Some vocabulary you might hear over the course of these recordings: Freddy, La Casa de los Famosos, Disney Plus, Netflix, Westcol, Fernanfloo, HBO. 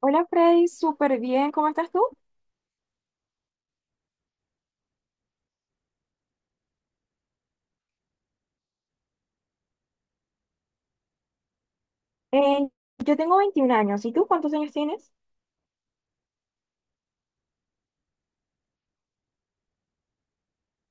Hola Freddy, súper bien, ¿cómo estás tú? Eh, yo tengo 21 años, ¿y tú cuántos años tienes?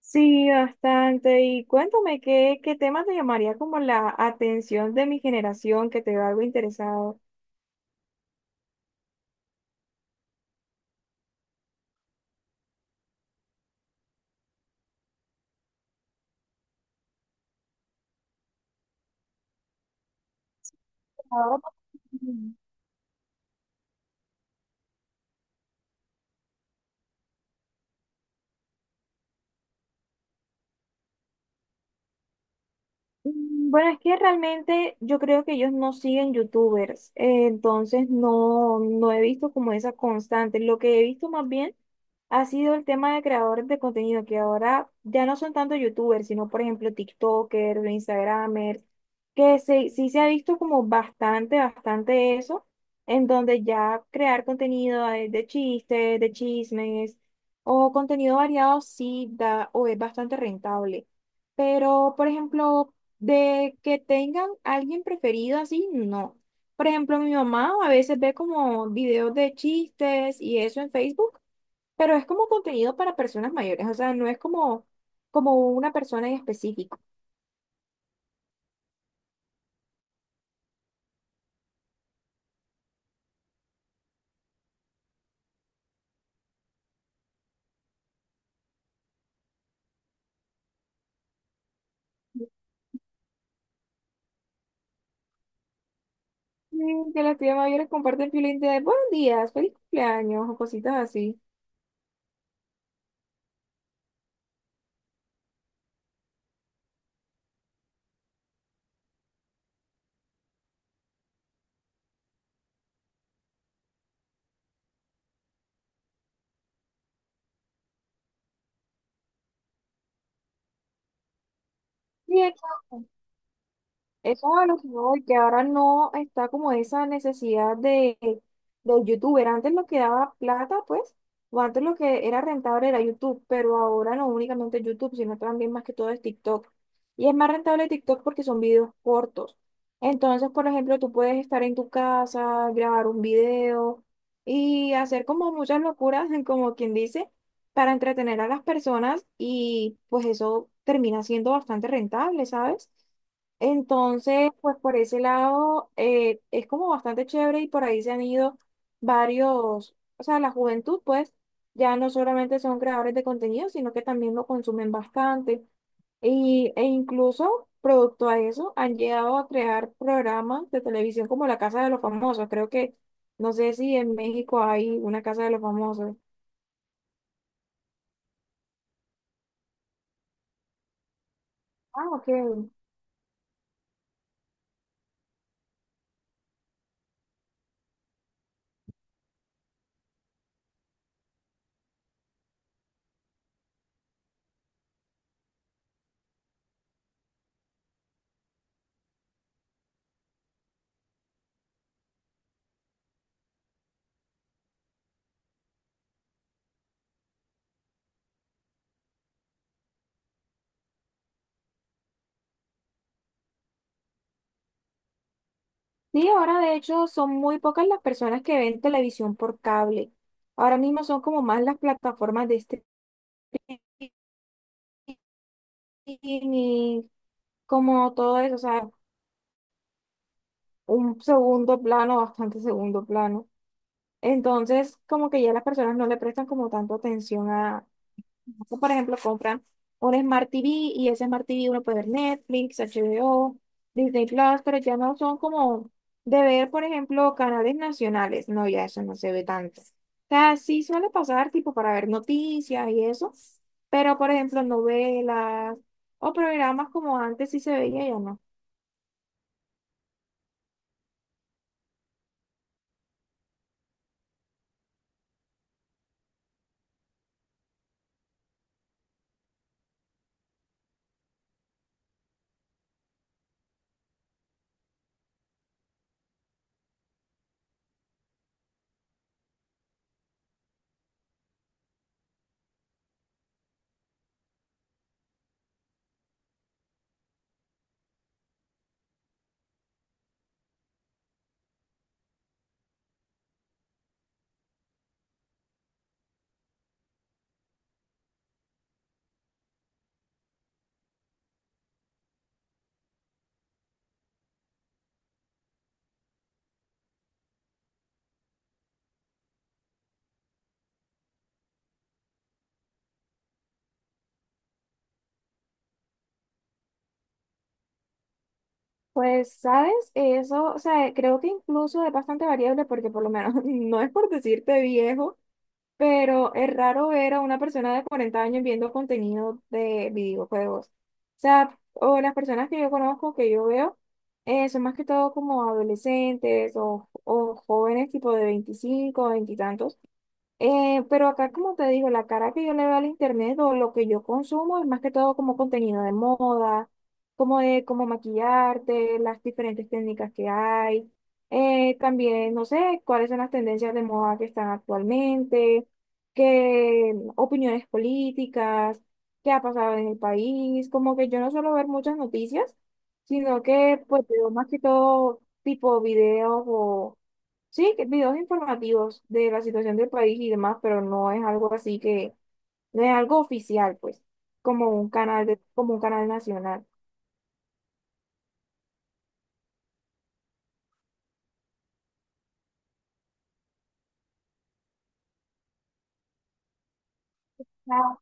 Sí, bastante. Y cuéntame, ¿qué tema te llamaría como la atención de mi generación que te veo algo interesado? Ahora, pues, bueno, es que realmente yo creo que ellos no siguen youtubers, entonces no he visto como esa constante. Lo que he visto más bien ha sido el tema de creadores de contenido, que ahora ya no son tanto youtubers, sino por ejemplo TikTokers, Instagramers, que se, sí se ha visto como bastante eso, en donde ya crear contenido de chistes, de chismes o contenido variado sí da o es bastante rentable. Pero, por ejemplo, de que tengan alguien preferido así, no. Por ejemplo, mi mamá a veces ve como videos de chistes y eso en Facebook, pero es como contenido para personas mayores, o sea, no es como, como una persona en específico. Que las tías mayores comparten piolín de buenos días, feliz cumpleaños o cositas así. Cierto. Eso es a lo que voy, que ahora no está como esa necesidad de, del youtuber. Antes lo que daba plata, pues, o antes lo que era rentable era YouTube, pero ahora no únicamente YouTube, sino también más que todo es TikTok. Y es más rentable TikTok porque son videos cortos. Entonces, por ejemplo, tú puedes estar en tu casa, grabar un video y hacer como muchas locuras, como quien dice, para entretener a las personas y pues eso termina siendo bastante rentable, ¿sabes? Entonces, pues por ese lado es como bastante chévere y por ahí se han ido varios, o sea, la juventud pues ya no solamente son creadores de contenido, sino que también lo consumen bastante y, e incluso producto a eso han llegado a crear programas de televisión como La Casa de los Famosos. Creo que, no sé si en México hay una Casa de los Famosos. Ah, ok. Sí, ahora de hecho son muy pocas las personas que ven televisión por cable. Ahora mismo son como más las plataformas de streaming como todo eso, o sea, un segundo plano, bastante segundo plano. Entonces, como que ya las personas no le prestan como tanto atención. Acá, por ejemplo, compran un Smart TV y ese Smart TV uno puede ver Netflix, HBO, Disney Plus, pero ya no son como de ver, por ejemplo, canales nacionales. No, ya eso no se ve tanto. O sea, sí suele pasar tipo para ver noticias y eso, pero por ejemplo, novelas o programas como antes sí se veía, ya no. Pues, ¿sabes? Eso, o sea, creo que incluso es bastante variable porque por lo menos no es por decirte viejo pero es raro ver a una persona de 40 años viendo contenido de videojuegos. O sea, o las personas que yo conozco, que yo veo, son más que todo como adolescentes o jóvenes tipo de 25, veintitantos. Pero acá, como te digo, la cara que yo le veo al internet o lo que yo consumo es más que todo como contenido de moda, como de cómo maquillarte, las diferentes técnicas que hay. También, no sé, cuáles son las tendencias de moda que están actualmente, qué opiniones políticas, qué ha pasado en el país. Como que yo no suelo ver muchas noticias, sino que pues veo más que todo tipo videos o sí, videos informativos de la situación del país y demás, pero no es algo así que, no es algo oficial, pues, como un canal de, como un canal nacional. Ah.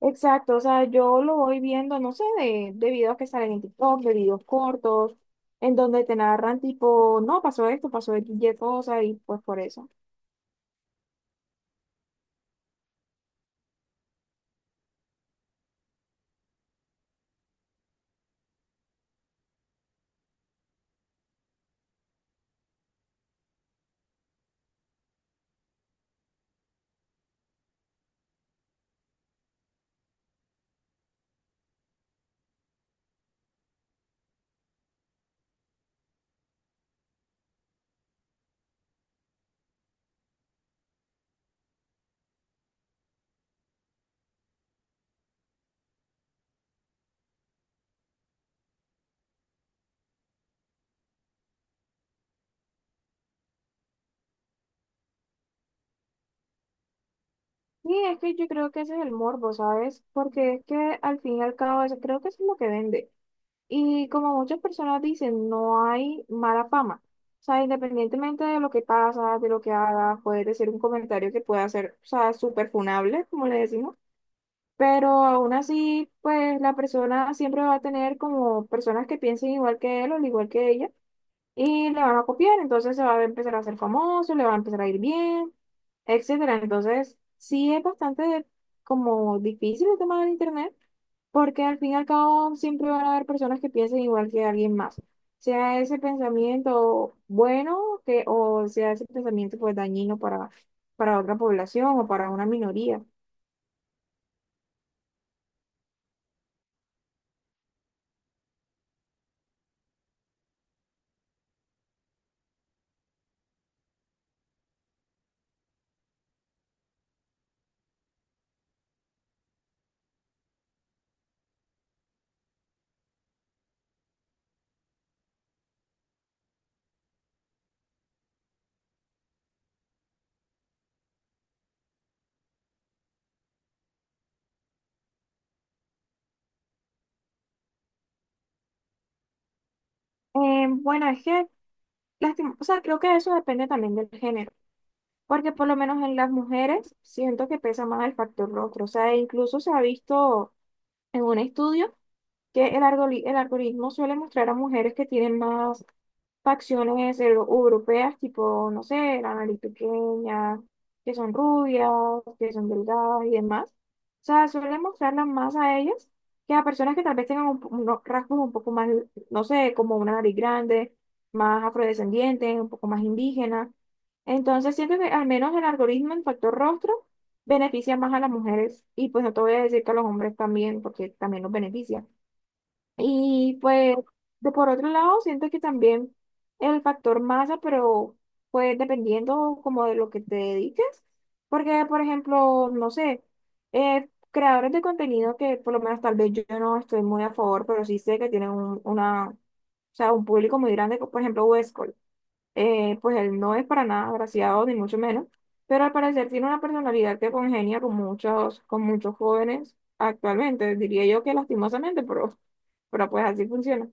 Exacto, o sea, yo lo voy viendo, no sé, de videos que salen en TikTok, de videos cortos, en donde te narran tipo, no, pasó esto, pasó y cosa, y pues por eso. Sí, es que yo creo que ese es el morbo, ¿sabes? Porque es que al fin y al cabo, eso, creo que eso es lo que vende. Y como muchas personas dicen, no hay mala fama. O sea, independientemente de lo que pasa, de lo que haga, puede ser un comentario que pueda ser, o sea, súper funable, como le decimos. Pero aún así, pues la persona siempre va a tener como personas que piensen igual que él o al igual que ella y le van a copiar, entonces se va a empezar a hacer famoso, le va a empezar a ir bien, etcétera. Entonces, sí es bastante como difícil el tema del internet, porque al fin y al cabo siempre van a haber personas que piensen igual que alguien más. Sea ese pensamiento bueno que, o sea ese pensamiento pues dañino para otra población o para una minoría. Bueno, es que, o sea, creo que eso depende también del género. Porque por lo menos en las mujeres siento que pesa más el factor rostro. O sea, incluso se ha visto en un estudio que el, el algoritmo suele mostrar a mujeres que tienen más facciones europeas, tipo, no sé, la nariz pequeña, que son rubias, que son delgadas y demás. O sea, suele mostrarlas más a ellas que a personas que tal vez tengan un unos rasgos un poco más, no sé, como una nariz grande, más afrodescendiente, un poco más indígena. Entonces, siento que al menos el algoritmo en factor rostro beneficia más a las mujeres y pues no te voy a decir que a los hombres también, porque también los beneficia. Y pues, de por otro lado, siento que también el factor masa, pero pues dependiendo como de lo que te dediques, porque por ejemplo, no sé, creadores de contenido que por lo menos tal vez yo no estoy muy a favor, pero sí sé que tienen un, una, o sea, un público muy grande, como por ejemplo, Westcol. Pues él no es para nada agraciado, ni mucho menos, pero al parecer tiene una personalidad que congenia con muchos jóvenes actualmente, diría yo que lastimosamente, pero pues así funciona.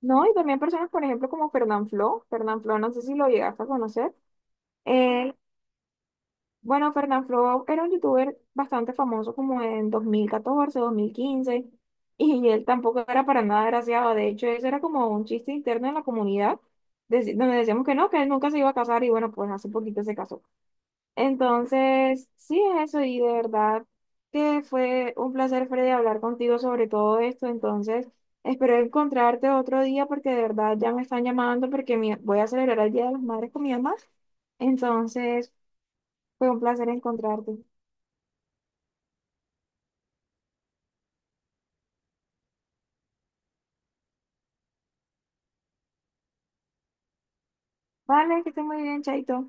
No, y también personas, por ejemplo, como Fernanfloo, no sé si lo llegaste a conocer. Él, bueno, Fernanfloo era un youtuber bastante famoso como en 2014 2015 y él tampoco era para nada agraciado. De hecho, eso era como un chiste interno en la comunidad, donde decíamos que no, que él nunca se iba a casar, y bueno, pues hace poquito se casó. Entonces, sí es eso, y de verdad que fue un placer, Freddy, hablar contigo sobre todo esto. Entonces, espero encontrarte otro día porque de verdad ya me están llamando porque voy a celebrar el Día de las Madres con mi mamá. Entonces, fue un placer encontrarte. Vale, que esté muy bien, chaito.